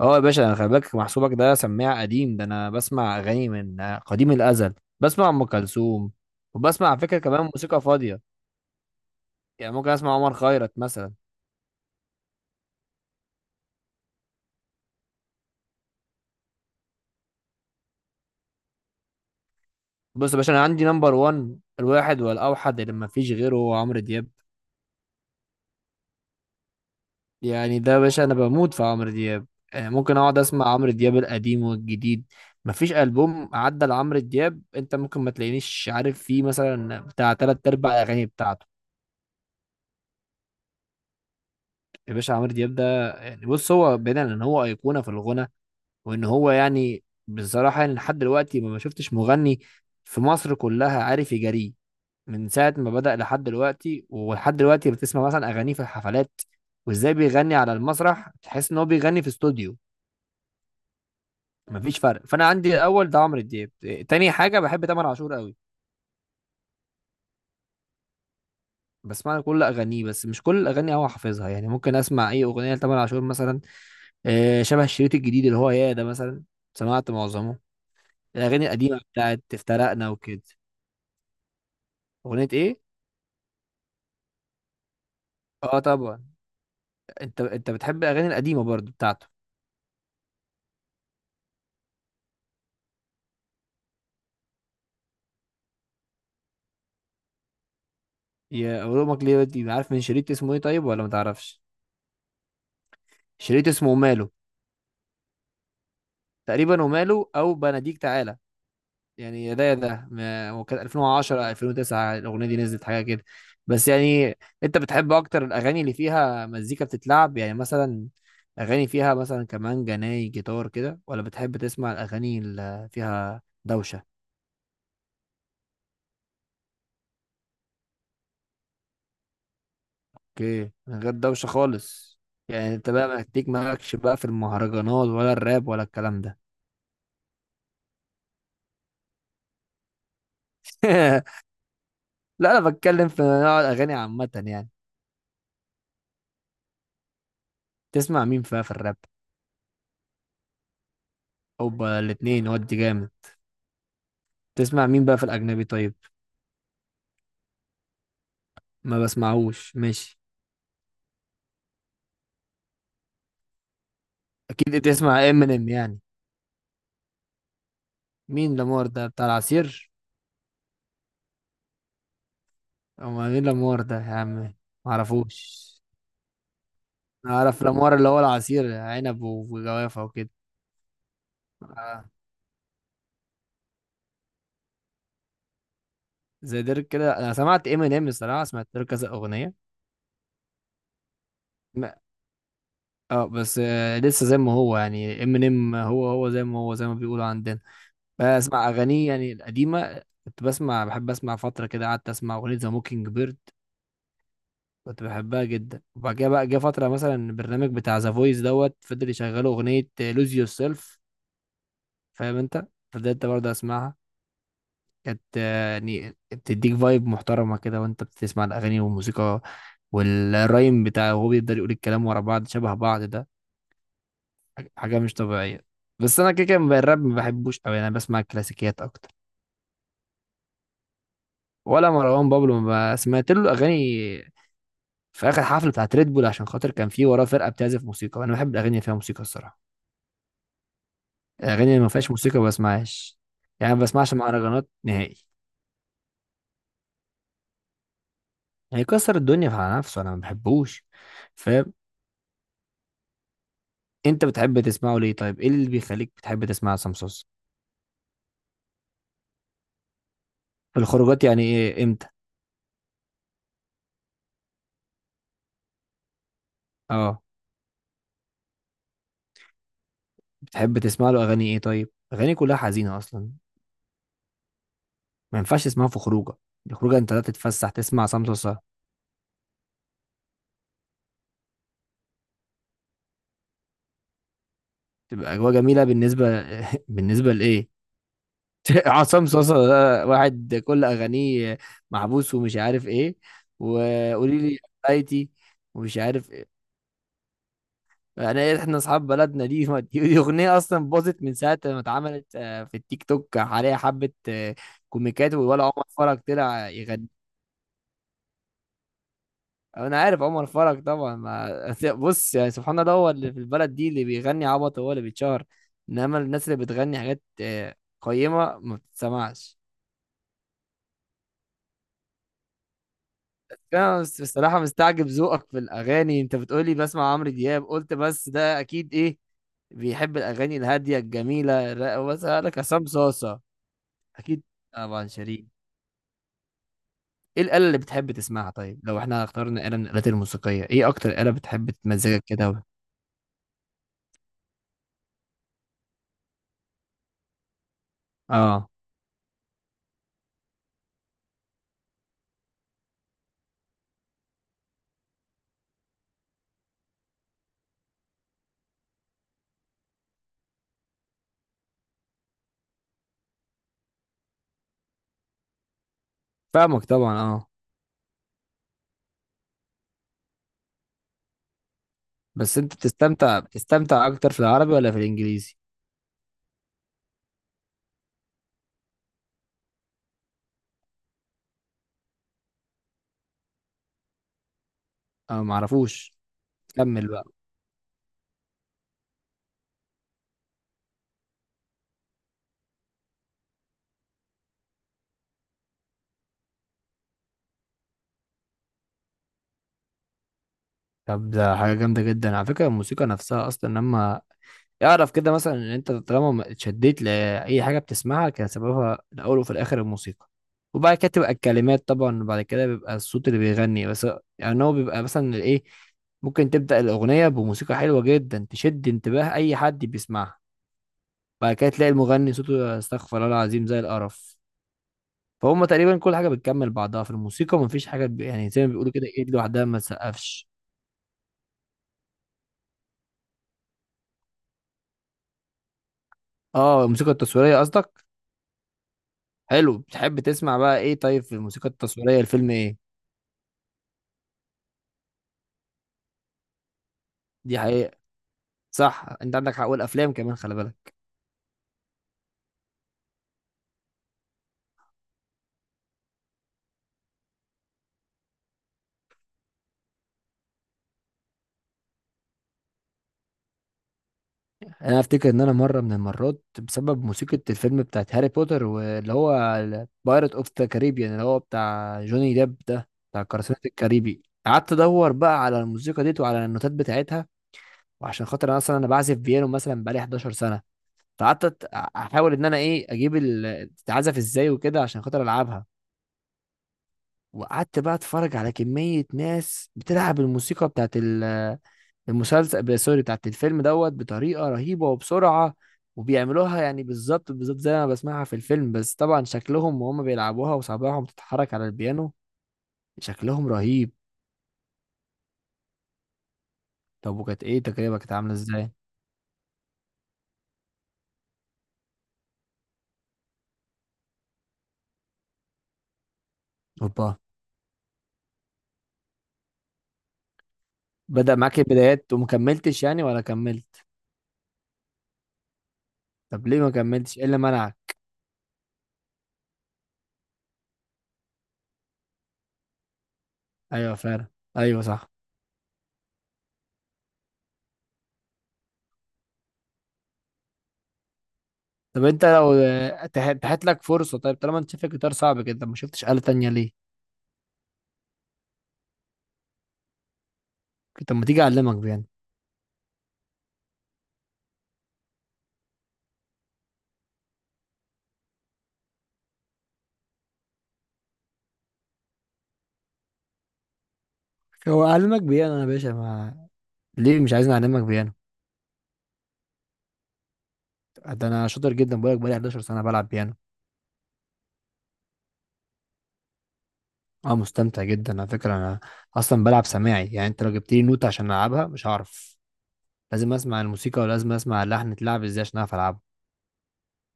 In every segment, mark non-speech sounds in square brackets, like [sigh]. اه يا باشا انا خلي بالك محسوبك ده سماع قديم. ده انا بسمع اغاني من قديم الازل، بسمع ام كلثوم، وبسمع على فكره كمان موسيقى فاضيه. يعني ممكن اسمع عمر خيرت مثلا. بص يا باشا، انا عندي نمبر 1 الواحد والاوحد اللي ما فيش غيره هو عمرو دياب. يعني ده يا باشا انا بموت في عمرو دياب، يعني ممكن اقعد اسمع عمرو دياب القديم والجديد. ما فيش البوم عدى لعمرو دياب انت ممكن ما تلاقينيش عارف فيه، مثلا بتاع تلات ارباع الاغاني بتاعته. يا باشا عمرو دياب ده يعني، بص، هو بعيدا ان هو ايقونه في الغنى، وان هو يعني بصراحة يعني لحد دلوقتي ما شفتش مغني في مصر كلها عارف يجاريه. من ساعة ما بدأ لحد دلوقتي، ولحد دلوقتي بتسمع مثلا أغانيه في الحفلات، وازاي بيغني على المسرح تحس ان هو بيغني في استوديو. مفيش فرق. فانا عندي الاول ده عمرو دياب. تاني حاجة بحب تامر عاشور قوي. بسمع له كل اغانيه، بس مش كل الاغاني هو حافظها. يعني ممكن اسمع اي اغنيه لتامر عاشور مثلا، شبه الشريط الجديد اللي هو يا ده مثلا. سمعت معظمه، الاغاني القديمه بتاعت افترقنا وكده. اغنيه ايه؟ اه طبعا. انت بتحب الاغاني القديمه برضو بتاعته. يا اولمك ليه دي، عارف من شريط اسمه ايه طيب، ولا ما تعرفش؟ شريط اسمه وماله، تقريبا وماله او بناديك تعالى. يعني يا ده يا ده هو كان 2010 2009 الاغنيه دي نزلت، حاجه كده. بس يعني انت بتحب اكتر الاغاني اللي فيها مزيكا بتتلعب، يعني مثلا اغاني فيها مثلا كمان جناي جيتار كده، ولا بتحب تسمع الاغاني اللي فيها دوشه؟ اوكي، من غير دوشة خالص. يعني انت بقى محتاج، مالكش بقى في المهرجانات ولا الراب ولا الكلام ده؟ [laughs] لا انا بتكلم في نوع الاغاني عامة يعني. تسمع مين بقى في الراب؟ اوبا الاتنين، ودي جامد. تسمع مين بقى في الاجنبي طيب؟ ما بسمعوش، ماشي. اكيد تسمع امينيم يعني. مين لامار ده بتاع العصير؟ او مين لامار ده يا عم؟ معرفوش. اعرف لامار اللي هو العصير عنب وجوافة وكده. آه. زي ديرك كده انا سمعت امينيم، الصراحة سمعت له كذا اغنية. ما- اه بس لسه زي ما هو يعني ام ان ام هو زي ما هو، زي ما بيقولوا عندنا. بسمع اغانيه يعني القديمه، كنت بسمع بحب اسمع فتره كده، قعدت اسمع اغنيه ذا موكينج بيرد، كنت بحبها جدا. وبعد كده بقى جه فتره مثلا البرنامج بتاع ذا فويس دوت فضل يشغلوا اغنيه لوز يور سيلف. فاهم انت؟ فضلت برضه اسمعها. كانت يعني بتديك فايب محترمه كده وانت بتسمع الاغاني والموسيقى والرايم بتاعه، وهو بيقدر يقول الكلام ورا بعض شبه بعض ده. حاجة مش طبيعية. بس أنا كده كده بقى الراب ما بحبوش أوي، أنا بسمع كلاسيكيات أكتر. ولا مروان بابلو، ما ب- سمعت له أغاني في آخر حفلة بتاعت ريد بول، عشان خاطر كان في وراه فرقة بتعزف موسيقى، وأنا بحب الأغاني اللي فيها موسيقى الصراحة. الأغاني اللي ما فيهاش موسيقى ما بسمعهاش. يعني ما بسمعش مهرجانات نهائي. هيكسر الدنيا على نفسه، أنا ما بحبوش. فاهم؟ أنت بتحب تسمعه ليه طيب؟ إيه اللي بيخليك بتحب تسمع عصام صوصة؟ في الخروجات، يعني إيه إمتى؟ أه. بتحب تسمع له أغاني إيه طيب؟ أغاني كلها حزينة أصلا، ما ينفعش اسمها في خروجه. الخروجه انت لا تتفسح تسمع عصام صوصه. تبقى اجواء جميله بالنسبه. [laughs] بالنسبه لايه؟ [laughs] عصام صوصه ده واحد كل اغانيه محبوس ومش عارف ايه، وقولي لي حبايتي، ومش عارف ايه. انا ايه احنا اصحاب بلدنا دي؟ [laughs] دي اغنيه اصلا باظت من ساعه ما اتعملت، في التيك توك عليها حبه كوميكات. ولا عمر فرج طلع يغني. انا عارف عمر فرج طبعا. ما بص يعني سبحان الله، هو اللي في البلد دي اللي بيغني عبط هو اللي بيتشهر. انما الناس اللي بتغني حاجات قيمة ما بتتسمعش. انا بصراحة مستعجب ذوقك في الاغاني. انت بتقولي بسمع عمرو دياب، قلت بس ده اكيد ايه، بيحب الاغاني الهادية الجميلة واسألك عصام صاصة. اكيد طبعا شيرين. ايه الآلة اللي بتحب تسمعها طيب؟ لو احنا اخترنا آلة من الآلات الموسيقية، ايه اكتر آلة بتحب تمزجك كده؟ اه فاهمك طبعا اه. بس انت بتستمتع، بتستمتع اكتر في العربي ولا في الانجليزي؟ انا ما اعرفوش، كمل بقى. طب ده حاجه جامده جدا على فكره. الموسيقى نفسها اصلا لما يعرف كده مثلا ان انت طالما ما اتشديت لاي حاجه بتسمعها كان سببها الاول وفي الاخر الموسيقى. وبعد كده تبقى الكلمات طبعا، وبعد كده بيبقى الصوت اللي بيغني بس. يعني هو بيبقى مثلا ايه، ممكن تبدأ الأغنية بموسيقى حلوة جدا تشد انتباه أي حد بيسمعها، بعد كده تلاقي المغني صوته استغفر الله العظيم زي القرف. فهم؟ تقريبا كل حاجه بتكمل بعضها في الموسيقى، مفيش حاجه يعني زي ما بيقولوا كده ايه، لوحدها ما تسقفش. اه الموسيقى التصويريه قصدك. حلو، بتحب تسمع بقى ايه طيب في الموسيقى التصويريه؟ الفيلم ايه؟ دي حقيقه، صح، انت عندك حق. والافلام كمان خلي بالك. انا افتكر ان انا مره من المرات بسبب موسيقى الفيلم بتاعت هاري بوتر واللي هو بايرت اوف ذا كاريبيان اللي هو بتاع جوني ديب ده بتاع قراصنة الكاريبي، قعدت ادور بقى على الموسيقى ديت وعلى النوتات بتاعتها. وعشان خاطر انا اصلا انا بعزف بيانو مثلا بقالي 11 سنه، فقعدت أت- احاول ان انا ايه اجيب تتعزف ازاي وكده عشان خاطر العبها. وقعدت بقى اتفرج على كمية ناس بتلعب الموسيقى بتاعت المسلسل، سوري، بتاعت الفيلم دوت، بطريقة رهيبة وبسرعة. وبيعملوها يعني بالظبط بالظبط زي ما بسمعها في الفيلم، بس طبعا شكلهم وهم بيلعبوها وصابعهم بتتحرك على البيانو شكلهم رهيب. طب وكانت ايه تجربة، كانت عاملة ازاي؟ اوبا. بدأ معاك البدايات ومكملتش يعني، ولا كملت؟ طب ليه ما كملتش؟ ايه اللي منعك؟ ايوه فعلا. ايوه صح. طب انت لو اتاحت لك فرصه، طيب طالما انت شايف الجيتار صعب كده، ما شفتش آلة تانية ليه؟ طب ما تيجي اعلمك بيانو. هو اعلمك بيانو يا باشا ما. ليه مش عايزني اعلمك بيانو؟ ده انا شاطر جدا، بقولك بقالي 11 سنه بلعب بيانو. اه مستمتع جدا على فكره انا. اصلا بلعب سماعي، يعني انت لو جبت لي نوت عشان العبها مش هعرف. لازم اسمع الموسيقى ولازم اسمع اللحن اتلعب ازاي عشان اعرف العبه.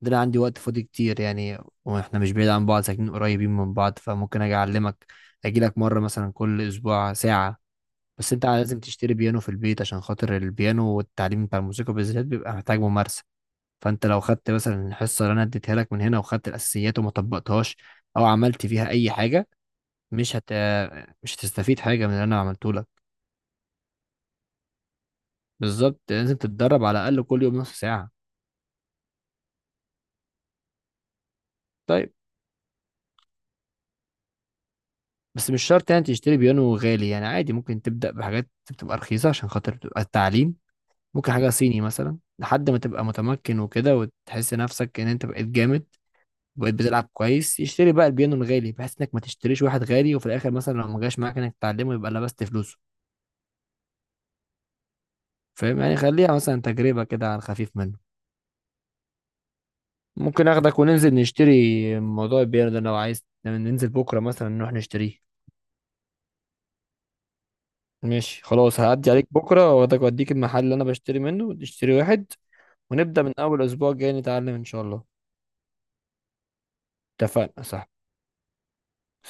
ده انا عندي وقت فاضي كتير يعني. واحنا مش بعيد عن بعض، ساكنين قريبين من بعض، فممكن اجي اعلمك. اجي لك مره مثلا كل اسبوع ساعه. بس انت لازم تشتري بيانو في البيت، عشان خاطر البيانو والتعليم بتاع الموسيقى بالذات بيبقى محتاج ممارسة. فانت لو خدت مثلا الحصة اللي انا اديتها لك من هنا وخدت الاساسيات وما طبقتهاش او عملت فيها اي حاجة، مش هت مش هتستفيد حاجة من اللي انا عملته لك. بالظبط، لازم تتدرب على الاقل كل يوم نص ساعة. طيب بس مش شرط يعني تشتري بيانو غالي، يعني عادي ممكن تبدأ بحاجات بتبقى رخيصة عشان خاطر بتبقى التعليم. ممكن حاجة صيني مثلا لحد ما تبقى متمكن وكده، وتحس نفسك ان انت بقيت جامد وبقيت بتلعب كويس، يشتري بقى البيانو الغالي، بحيث انك ما تشتريش واحد غالي وفي الاخر مثلا لو ما جاش معاك انك تتعلمه يبقى لبست فلوسه. فاهم؟ يعني خليها مثلا تجربة كده على الخفيف منه. ممكن اخدك وننزل نشتري موضوع البيانو ده، لو عايز ننزل بكرة مثلا نروح نشتريه. ماشي، خلاص، هعدي عليك بكرة واخدك واديك المحل اللي انا بشتري منه تشتري واحد، ونبدأ من اول اسبوع جاي نتعلم ان شاء الله. اتفقنا صح؟